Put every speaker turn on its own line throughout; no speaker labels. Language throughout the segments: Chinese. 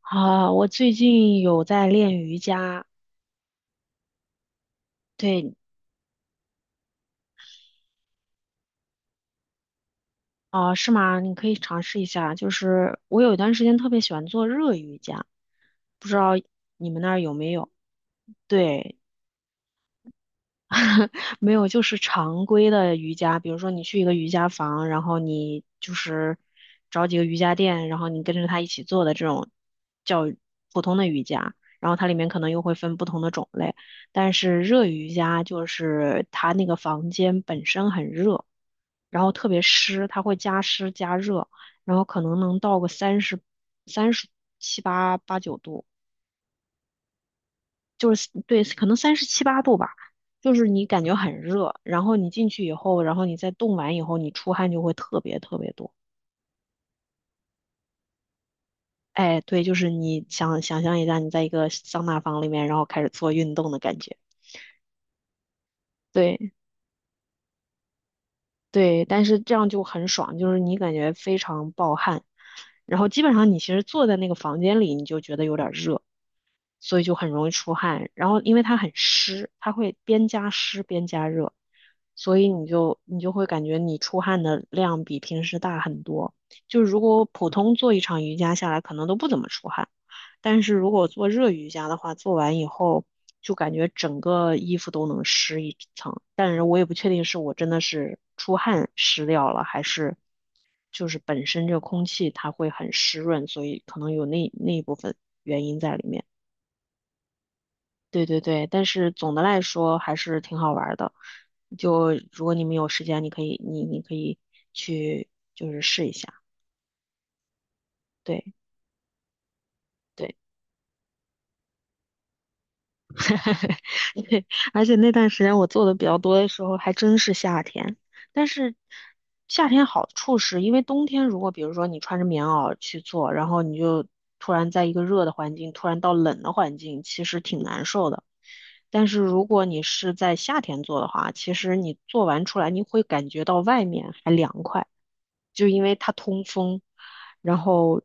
啊，我最近有在练瑜伽，对，啊，是吗？你可以尝试一下。就是我有一段时间特别喜欢做热瑜伽，不知道你们那儿有没有？对，没有，就是常规的瑜伽，比如说你去一个瑜伽房，然后你就是找几个瑜伽垫，然后你跟着他一起做的这种叫普通的瑜伽，然后它里面可能又会分不同的种类，但是热瑜伽就是它那个房间本身很热，然后特别湿，它会加湿加热，然后可能能到个三十三十78、89度。就是对，可能37、8度吧，就是你感觉很热，然后你进去以后，然后你再冻完以后，你出汗就会特别特别多。哎，对，就是你想象一下，你在一个桑拿房里面，然后开始做运动的感觉。对对，但是这样就很爽，就是你感觉非常暴汗，然后基本上你其实坐在那个房间里，你就觉得有点热，所以就很容易出汗。然后因为它很湿，它会边加湿边加热，所以你就会感觉你出汗的量比平时大很多。就如果普通做一场瑜伽下来，可能都不怎么出汗，但是如果做热瑜伽的话，做完以后。就感觉整个衣服都能湿一层，但是我也不确定是我真的是出汗湿掉了，还是就是本身这个空气它会很湿润，所以可能有那一部分原因在里面。对对对，但是总的来说还是挺好玩儿的。就如果你们有时间，你可以去就是试一下。对对。对，而且那段时间我做的比较多的时候，还真是夏天。但是夏天好处是，因为冬天如果比如说你穿着棉袄去做，然后你就突然在一个热的环境，突然到冷的环境，其实挺难受的。但是如果你是在夏天做的话，其实你做完出来，你会感觉到外面还凉快，就因为它通风。然后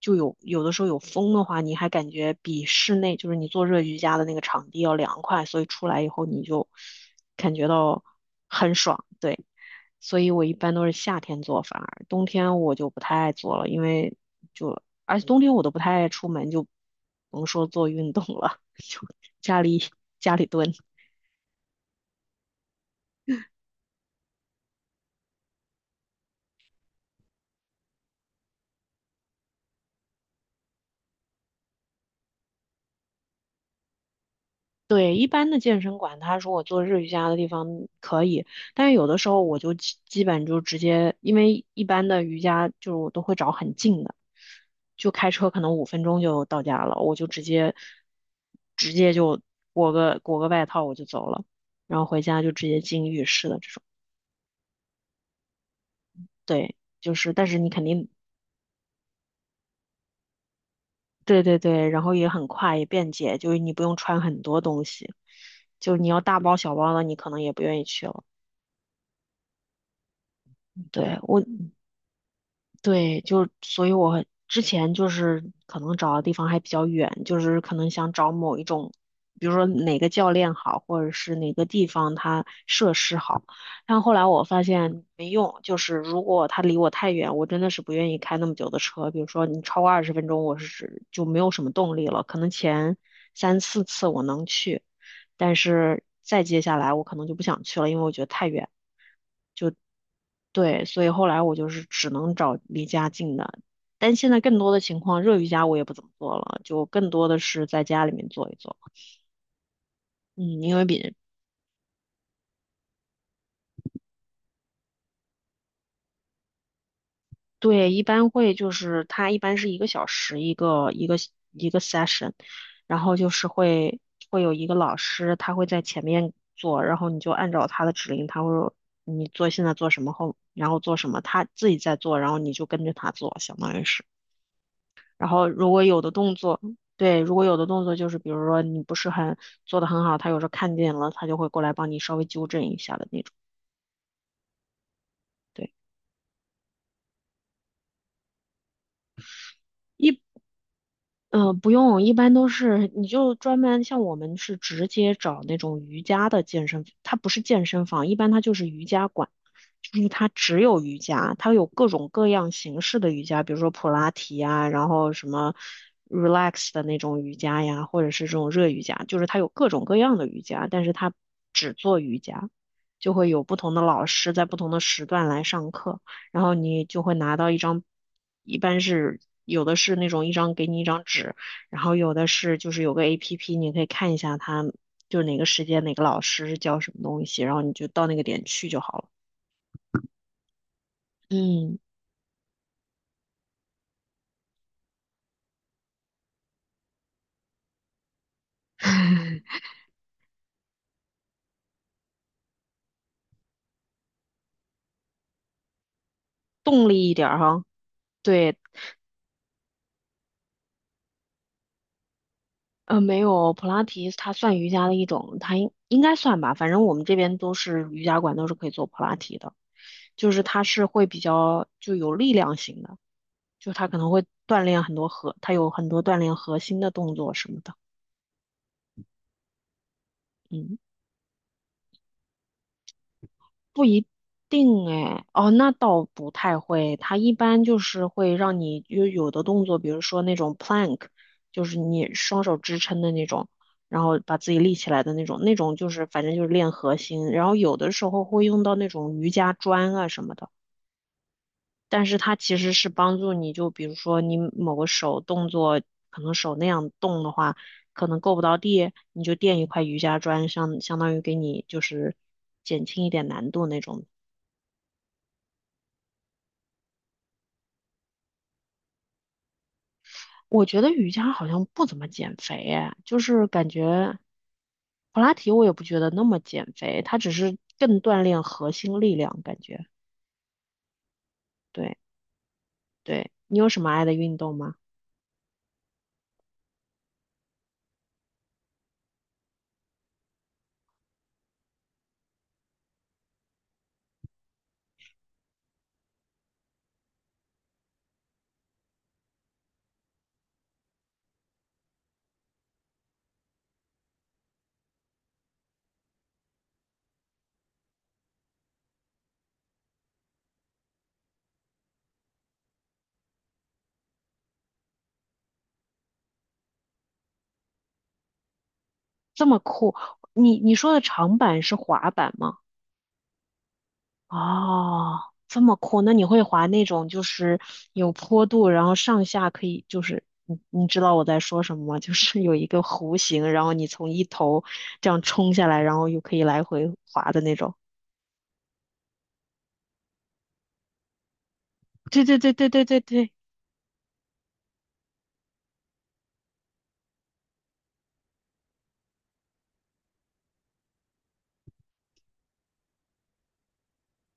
就有的时候有风的话，你还感觉比室内就是你做热瑜伽的那个场地要凉快，所以出来以后你就感觉到很爽，对。所以我一般都是夏天做，反而冬天我就不太爱做了，因为就而且冬天我都不太爱出门，就甭说做运动了，就家里家里蹲。对，一般的健身馆，他说我做日瑜伽的地方可以，但是有的时候我就基本就直接，因为一般的瑜伽就是我都会找很近的，就开车可能5分钟就到家了，我就直接裹个外套我就走了，然后回家就直接进浴室的这种。对，就是，但是你肯定，对对对，然后也很快也便捷，就是你不用穿很多东西，就你要大包小包的，你可能也不愿意去了。对，我。对，就所以我之前就是可能找的地方还比较远，就是可能想找某一种，比如说哪个教练好，或者是哪个地方它设施好。但后来我发现没用，就是如果他离我太远，我真的是不愿意开那么久的车。比如说你超过20分钟，我是就没有什么动力了。可能前3、4次我能去，但是再接下来我可能就不想去了，因为我觉得太远。对，所以后来我就是只能找离家近的，但现在更多的情况，热瑜伽我也不怎么做了，就更多的是在家里面做一做。嗯，因为比，对，一般会就是他一般是一个小时一个 session,然后就是会有一个老师，他会在前面做，然后你就按照他的指令，他会说你做现在做什么后，然后做什么，他自己在做，然后你就跟着他做，相当于是。然后如果有的动作，对，如果有的动作就是比如说你不是很做的很好，他有时候看见了，他就会过来帮你稍微纠正一下的那种。对，一。不用，一般都是你就专门像我们是直接找那种瑜伽的健身，它不是健身房，一般它就是瑜伽馆，就是它只有瑜伽，它有各种各样形式的瑜伽，比如说普拉提呀，然后什么 relax 的那种瑜伽呀，或者是这种热瑜伽，就是它有各种各样的瑜伽，但是它只做瑜伽，就会有不同的老师在不同的时段来上课。然后你就会拿到一张，一般是有的是那种一张给你一张纸，然后有的是就是有个 APP,你可以看一下它就哪个时间哪个老师是教什么东西，然后你就到那个点去就好了。嗯，动力一点儿哈。对，没有，普拉提它算瑜伽的一种，它应该算吧，反正我们这边都是瑜伽馆都是可以做普拉提的，就是它是会比较就有力量型的。就他可能会锻炼很多核，他有很多锻炼核心的动作什么的。嗯，不一定哎。哦，那倒不太会。他一般就是会让你有的动作，比如说那种 plank,就是你双手支撑的那种，然后把自己立起来的那种，那种就是反正就是练核心。然后有的时候会用到那种瑜伽砖啊什么的。但是它其实是帮助你，就比如说你某个手动作，可能手那样动的话，可能够不到地，你就垫一块瑜伽砖，相当于给你就是减轻一点难度那种。我觉得瑜伽好像不怎么减肥，哎，就是感觉普拉提我也不觉得那么减肥，它只是更锻炼核心力量，感觉。对对，你有什么爱的运动吗？这么酷，你说的长板是滑板吗？哦，这么酷，那你会滑那种就是有坡度，然后上下可以就是你知道我在说什么吗？就是有一个弧形，然后你从一头这样冲下来，然后又可以来回滑的那种。对对对对对对对，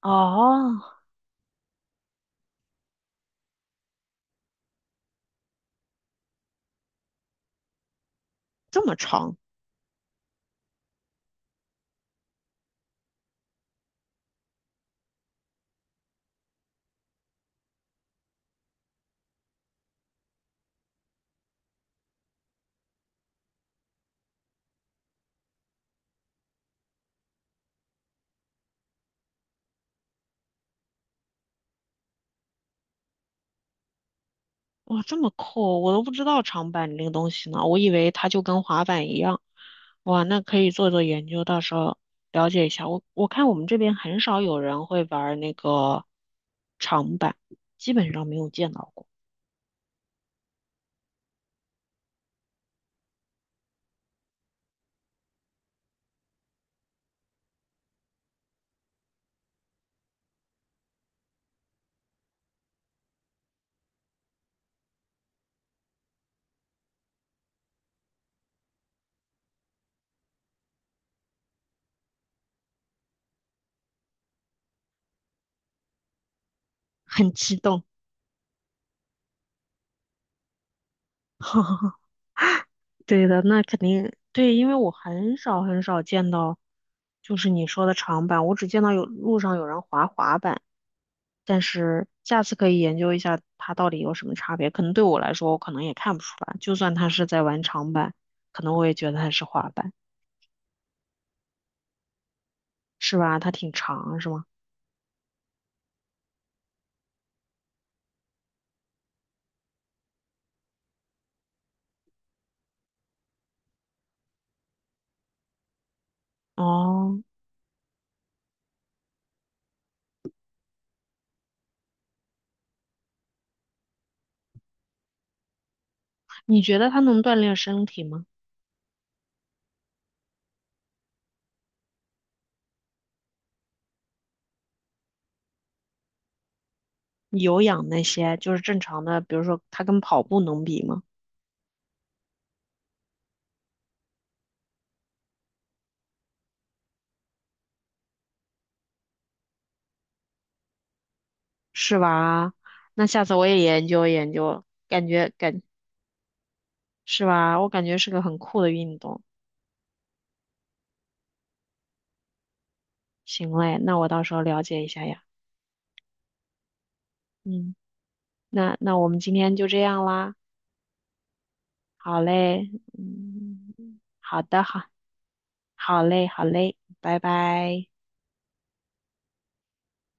哦，这么长。哇，这么酷，我都不知道长板这个东西呢，我以为它就跟滑板一样。哇，那可以做做研究，到时候了解一下。我看我们这边很少有人会玩儿那个长板，基本上没有见到过。很激动，对的，那肯定对，因为我很少见到，就是你说的长板，我只见到有路上有人滑滑板。但是下次可以研究一下它到底有什么差别。可能对我来说，我可能也看不出来。就算它是在玩长板，可能我也觉得它是滑板，是吧？它挺长，是吗？哦，你觉得它能锻炼身体吗？有氧那些就是正常的，比如说它跟跑步能比吗？是吧？那下次我也研究研究，感觉感是吧？我感觉是个很酷的运动。行嘞，那我到时候了解一下呀。嗯，那我们今天就这样啦。好嘞，嗯，好的，好，好嘞，好嘞，拜拜。